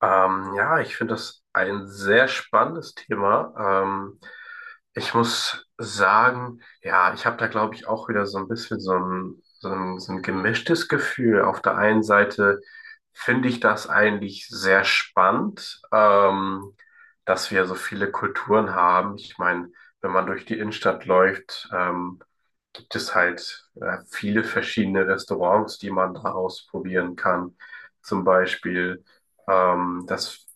Ja, Ich finde das ein sehr spannendes Thema. Ähm, Ich muss sagen, ja, ich habe da, glaube ich, auch wieder so ein bisschen so ein gemischtes Gefühl. Auf der einen Seite finde ich das eigentlich sehr spannend, dass wir so viele Kulturen haben. Ich meine, wenn man durch die Innenstadt läuft, gibt es halt viele verschiedene Restaurants, die man da ausprobieren kann. Zum Beispiel. Das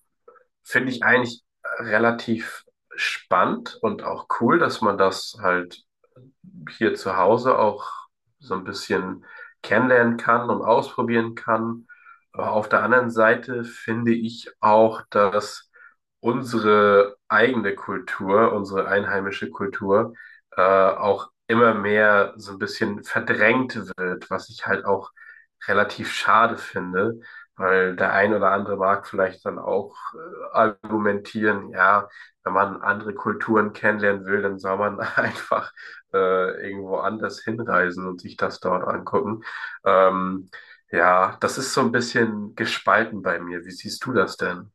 finde ich eigentlich relativ spannend und auch cool, dass man das halt hier zu Hause auch so ein bisschen kennenlernen kann und ausprobieren kann. Aber auf der anderen Seite finde ich auch, dass unsere eigene Kultur, unsere einheimische Kultur, auch immer mehr so ein bisschen verdrängt wird, was ich halt auch relativ schade finde, weil der ein oder andere mag vielleicht dann auch argumentieren ja, wenn man andere Kulturen kennenlernen will, dann soll man einfach irgendwo anders hinreisen und sich das dort angucken. Ähm, ja, Das ist so ein bisschen gespalten bei mir. Wie siehst du das denn?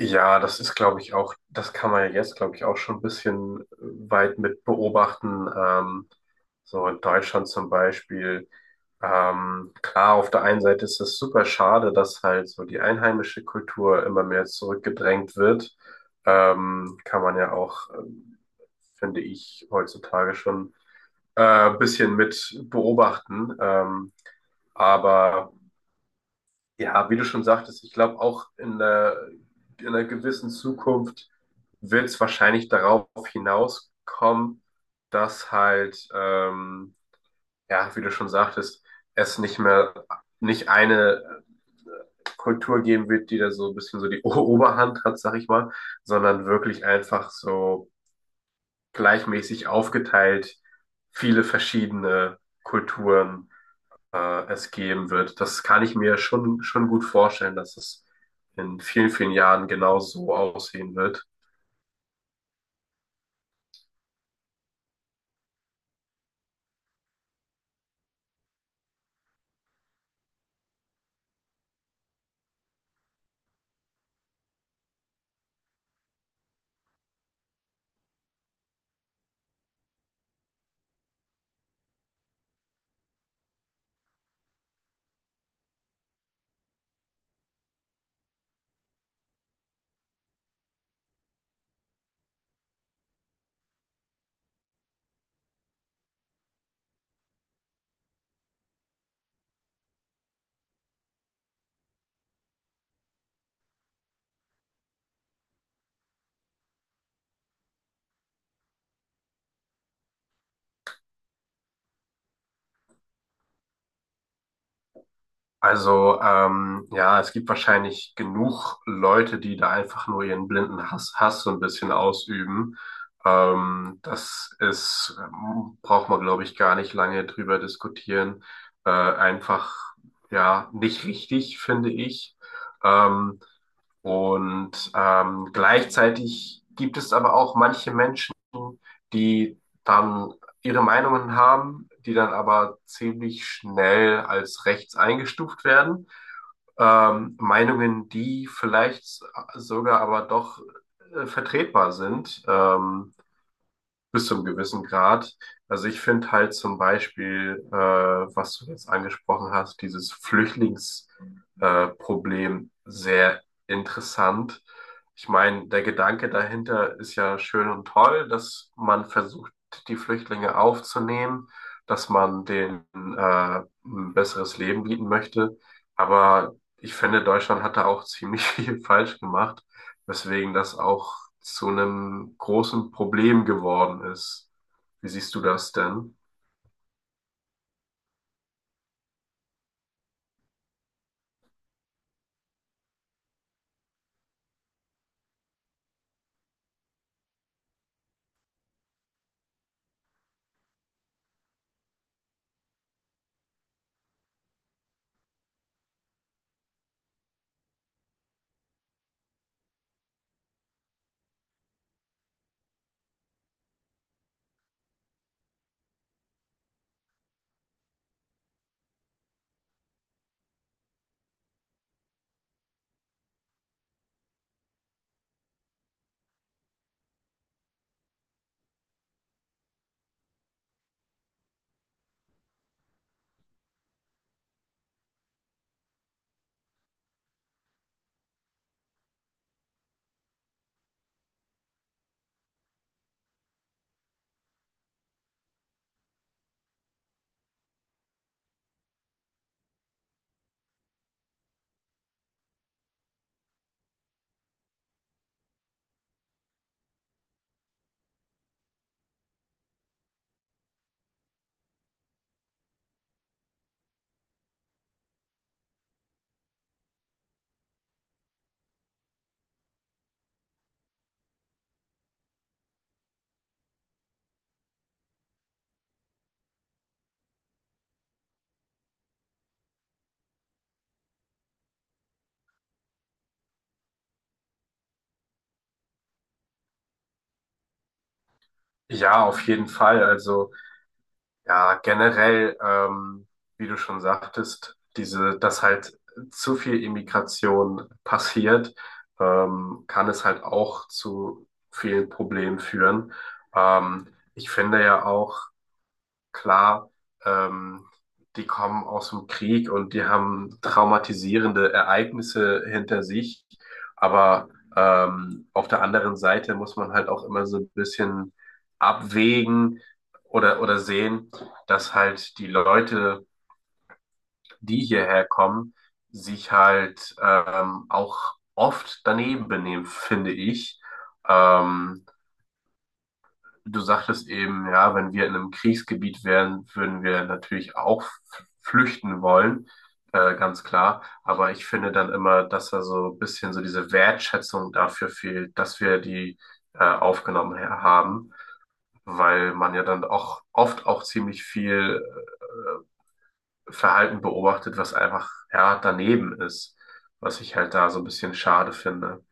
Ja, das ist, glaube ich, auch, das kann man ja jetzt, glaube ich, auch schon ein bisschen weit mit beobachten. So in Deutschland zum Beispiel. Klar, auf der einen Seite ist es super schade, dass halt so die einheimische Kultur immer mehr zurückgedrängt wird. Kann man ja auch, finde ich, heutzutage schon bisschen mit beobachten. Aber ja, wie du schon sagtest, ich glaube auch in einer gewissen Zukunft wird es wahrscheinlich darauf hinauskommen, dass halt, ja, wie du schon sagtest, es nicht eine Kultur geben wird, die da so ein bisschen so die Oberhand hat, sag ich mal, sondern wirklich einfach so gleichmäßig aufgeteilt viele verschiedene Kulturen es geben wird. Das kann ich mir schon gut vorstellen, dass es in vielen, vielen Jahren genau so aussehen wird. Also ja, es gibt wahrscheinlich genug Leute, die da einfach nur ihren blinden Hass so ein bisschen ausüben. Braucht man, glaube ich, gar nicht lange drüber diskutieren. Einfach, ja, nicht richtig, finde ich. Ähm, Gleichzeitig gibt es aber auch manche Menschen, die dann ihre Meinungen haben, die dann aber ziemlich schnell als rechts eingestuft werden. Meinungen, die vielleicht sogar aber doch vertretbar sind. Bis zu einem gewissen Grad. Also ich finde halt zum Beispiel, was du jetzt angesprochen hast, dieses Flüchtlingsproblem Problem sehr interessant. Ich meine, der Gedanke dahinter ist ja schön und toll, dass man versucht, die Flüchtlinge aufzunehmen, dass man denen ein besseres Leben bieten möchte. Aber ich finde, Deutschland hat da auch ziemlich viel falsch gemacht, weswegen das auch zu einem großen Problem geworden ist. Wie siehst du das denn? Ja, auf jeden Fall. Also ja, generell, wie du schon sagtest, diese, dass halt zu viel Immigration passiert, kann es halt auch zu vielen Problemen führen. Ähm, Ich finde ja auch, klar, ähm, die kommen aus dem Krieg und die haben traumatisierende Ereignisse hinter sich. Aber auf der anderen Seite muss man halt auch immer so ein bisschen abwägen oder sehen, dass halt die Leute, die hierher kommen, sich halt auch oft daneben benehmen, finde ich. Ähm, Du sagtest eben, ja, wenn wir in einem Kriegsgebiet wären, würden wir natürlich auch flüchten wollen, ganz klar. Aber ich finde dann immer, dass da so ein bisschen so diese Wertschätzung dafür fehlt, dass wir die aufgenommen haben, weil man ja dann auch oft auch ziemlich viel Verhalten beobachtet, was einfach ja daneben ist, was ich halt da so ein bisschen schade finde.